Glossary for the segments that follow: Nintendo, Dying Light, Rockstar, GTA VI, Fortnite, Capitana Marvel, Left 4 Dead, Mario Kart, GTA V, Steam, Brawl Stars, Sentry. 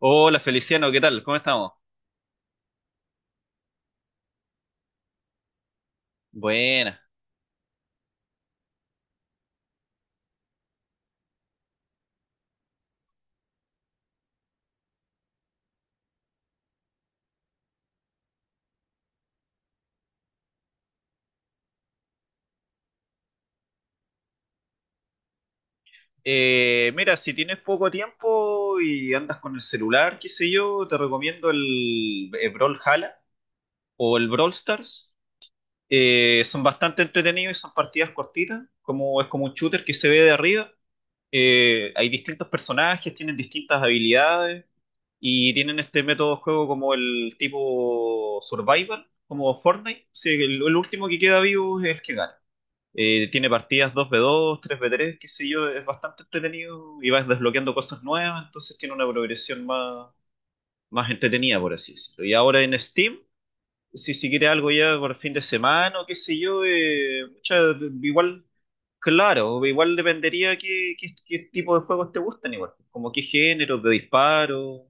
Hola Feliciano, ¿qué tal? ¿Cómo estamos? Buena. Mira, si tienes poco tiempo y andas con el celular, qué sé yo, te recomiendo el Brawl Hala o el Brawl Stars. Son bastante entretenidos y son partidas cortitas, como es como un shooter que se ve de arriba. Hay distintos personajes, tienen distintas habilidades y tienen este método de juego como el tipo Survival, como Fortnite. Sí, el último que queda vivo es el que gana. Tiene partidas 2v2 3v3, qué sé yo, es bastante entretenido y vas desbloqueando cosas nuevas, entonces tiene una progresión más, más entretenida, por así decirlo. Y ahora en Steam, si quieres algo ya por fin de semana o qué sé yo, pucha, igual, claro, igual dependería qué tipo de juegos te gustan, igual, como qué género, de disparo.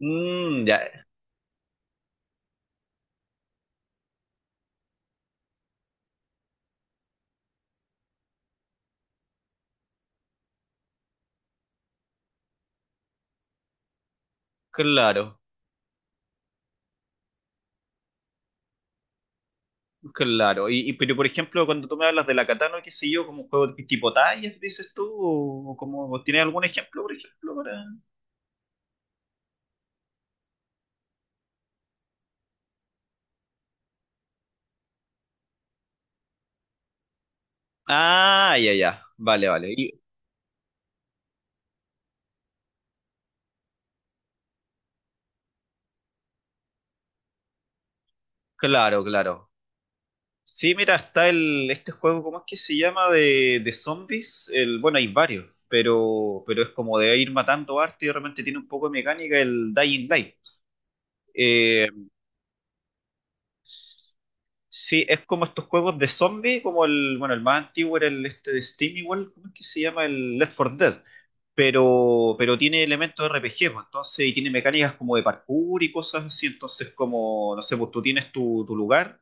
Mm, ya, claro. Claro, pero por ejemplo, cuando tú me hablas de la Katana, qué sé yo, como un juego de tipo tallas, dices tú, o como, ¿o ¿tienes algún ejemplo, por ejemplo, para...? Ah, ya, ya, vale, vale, y, claro, claro. Sí, mira, está este juego. ¿Cómo es que se llama? De zombies, el, bueno, hay varios, pero es como de ir matando arte, y realmente tiene un poco de mecánica, el Dying Light. Eh, Sí, es como estos juegos de zombie, como el, bueno, el más antiguo era el este de Steam igual. ¿Cómo es que se llama? El Left 4 Dead, pero tiene elementos de RPG, pues, entonces, y tiene mecánicas como de parkour y cosas así, entonces como, no sé, pues tú tienes tu, lugar,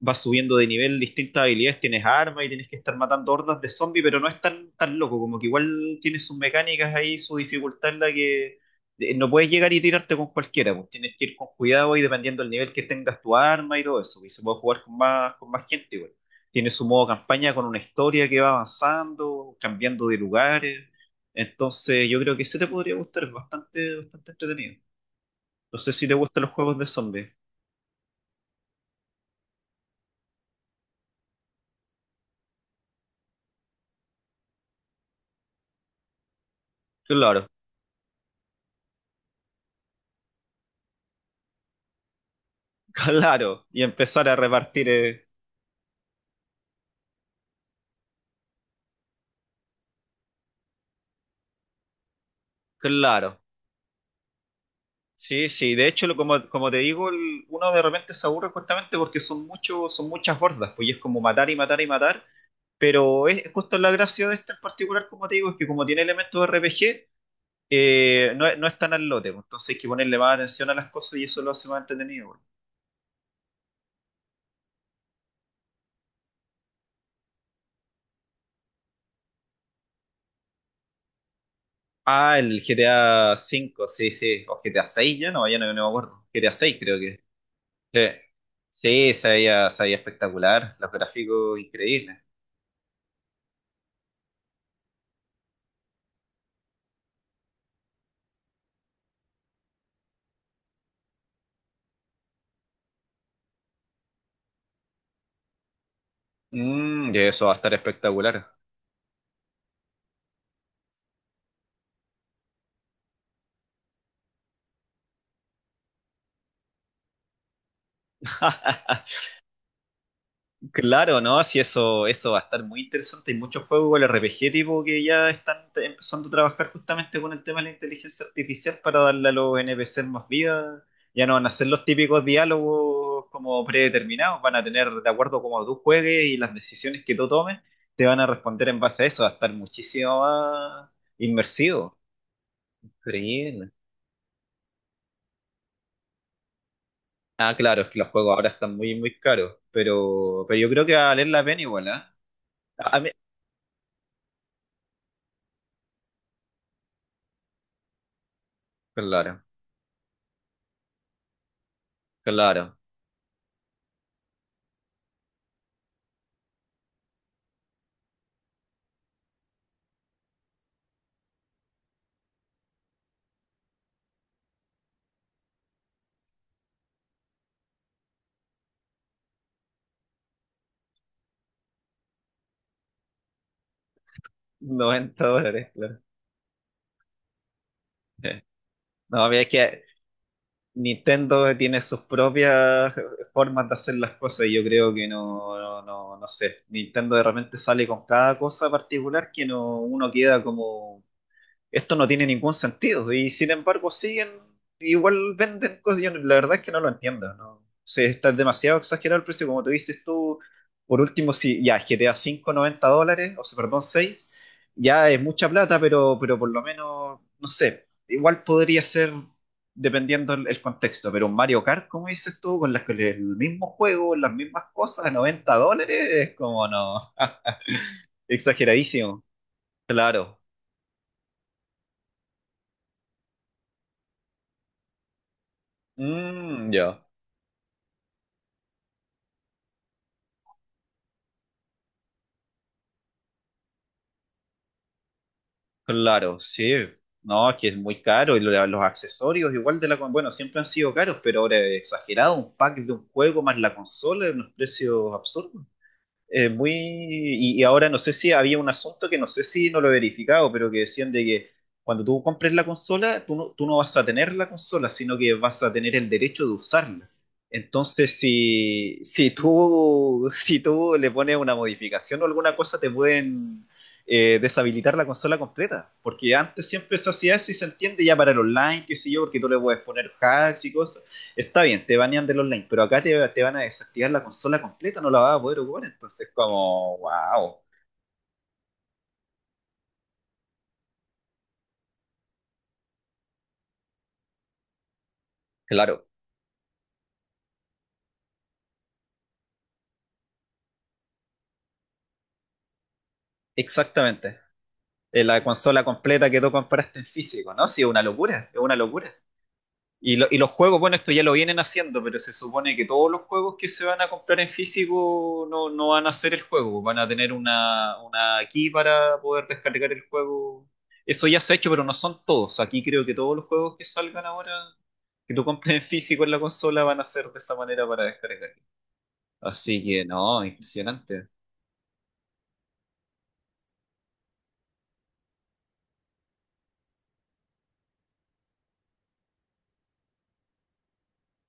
vas subiendo de nivel distintas habilidades, tienes armas y tienes que estar matando hordas de zombies, pero no es tan loco, como que igual tiene sus mecánicas ahí, su dificultad, en la que no puedes llegar y tirarte con cualquiera, pues tienes que ir con cuidado y dependiendo del nivel que tengas tu arma y todo eso, y se puede jugar con más gente igual. Tiene su modo campaña con una historia que va avanzando, cambiando de lugares. Entonces, yo creo que ese te podría gustar, es bastante, bastante entretenido. No sé si te gustan los juegos de zombies. Claro, claro. Y empezar a repartir. Claro, sí, sí. De hecho, como, te digo, uno de repente se aburre justamente porque son muchos, son muchas hordas, pues, y es como matar y matar y matar. Pero es justo la gracia de este en particular, como te digo, es que como tiene elementos de RPG, no, no es tan al lote, pues, entonces hay que ponerle más atención a las cosas, y eso lo hace más entretenido, pues. Ah, el GTA V, sí, sí. O GTA 6, ya no, ya no, no me acuerdo. GTA 6, creo que. Sí, sí, se veía espectacular, los gráficos increíbles. Mm, y eso va a estar espectacular. Claro, ¿no? Sí, eso va a estar muy interesante. Hay muchos juegos con el RPG tipo que ya están empezando a trabajar justamente con el tema de la inteligencia artificial para darle a los NPC más vida. Ya no van a ser los típicos diálogos como predeterminados, van a tener, de acuerdo como tú juegues y las decisiones que tú tomes, te van a responder en base a eso. Va a estar muchísimo más inmersivo. Increíble. Ah, claro, es que los juegos ahora están muy, muy caros, pero yo creo que va a valer la pena igual, ¿eh? A mí- claro. Claro, $90, claro. No, es que Nintendo tiene sus propias formas de hacer las cosas, y yo creo que no, no, no, no sé. Nintendo de repente sale con cada cosa particular que no, uno queda como, esto no tiene ningún sentido. Y sin embargo, siguen, igual venden cosas. Yo la verdad es que no lo entiendo, ¿no? O sea, está demasiado exagerado el precio, como tú dices tú. Por último, si ya GTA 5 $90, o sea, perdón, seis, ya es mucha plata, pero por lo menos, no sé, igual podría ser dependiendo el contexto, pero un Mario Kart, como dices tú, con las, con el mismo juego, las mismas cosas, $90, es como no, exageradísimo, claro. Mm, ya. Claro, sí. No, que es muy caro, y los accesorios igual de la... bueno, siempre han sido caros, pero ahora es exagerado. Un pack de un juego más la consola es unos precios absurdos, muy... Y, y ahora no sé si había un asunto, que no sé si no lo he verificado, pero que decían de que cuando tú compres la consola, tú no vas a tener la consola, sino que vas a tener el derecho de usarla. Entonces, si tú le pones una modificación o alguna cosa, te pueden deshabilitar la consola completa. Porque antes siempre se hacía eso, y se entiende ya para el online, qué sé yo, porque tú le puedes poner hacks y cosas. Está bien, te banean del online, pero acá te van a desactivar la consola completa, no la vas a poder ocupar. Entonces, como, wow. Claro, exactamente. La consola completa que tú compraste en físico, ¿no? Sí, es una locura, es una locura. Y, y los juegos, bueno, esto ya lo vienen haciendo, pero se supone que todos los juegos que se van a comprar en físico no, no van a hacer el juego, van a tener una, key para poder descargar el juego. Eso ya se ha hecho, pero no son todos. Aquí creo que todos los juegos que salgan ahora, que tú compres en físico en la consola, van a ser de esa manera, para descargar. Así que no, impresionante.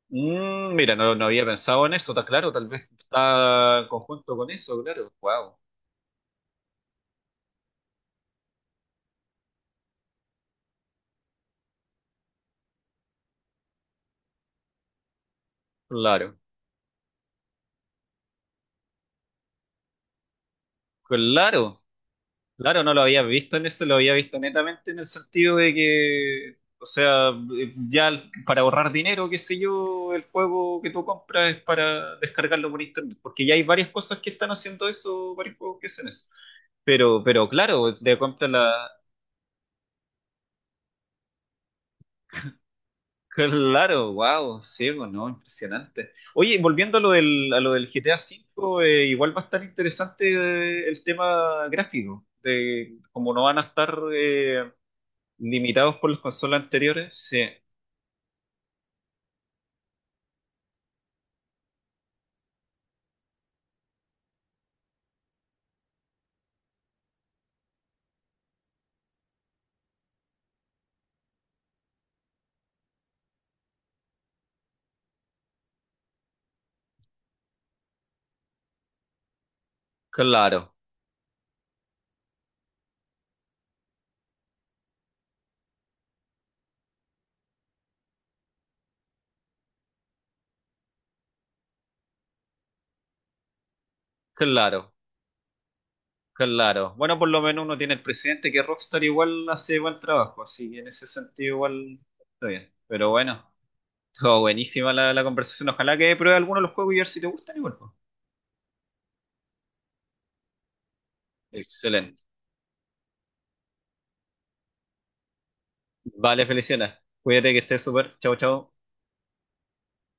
Mm, mira, no, no había pensado en eso, está claro, tal vez está en conjunto con eso, claro. Wow, claro, claro. Claro, no lo había visto en eso, lo había visto netamente en el sentido de que, o sea, ya para ahorrar dinero, qué sé yo, el juego que tú compras es para descargarlo por internet, porque ya hay varias cosas que están haciendo eso, varios juegos que hacen eso. Pero claro, te compras la... Claro, wow, sí, bueno, impresionante. Oye, volviendo a lo del, GTA V, igual va a estar interesante, el tema gráfico, de cómo no van a estar... limitados por las consolas anteriores, sí, claro, claro, claro. Bueno, por lo menos uno tiene el presidente que Rockstar igual hace buen trabajo, así que en ese sentido igual está bien. Pero bueno, todo buenísima la conversación. Ojalá que pruebe alguno de los juegos y a ver si te gustan igual, pues. Excelente. Vale, Feliciana. Cuídate, que estés súper. Chao, chao.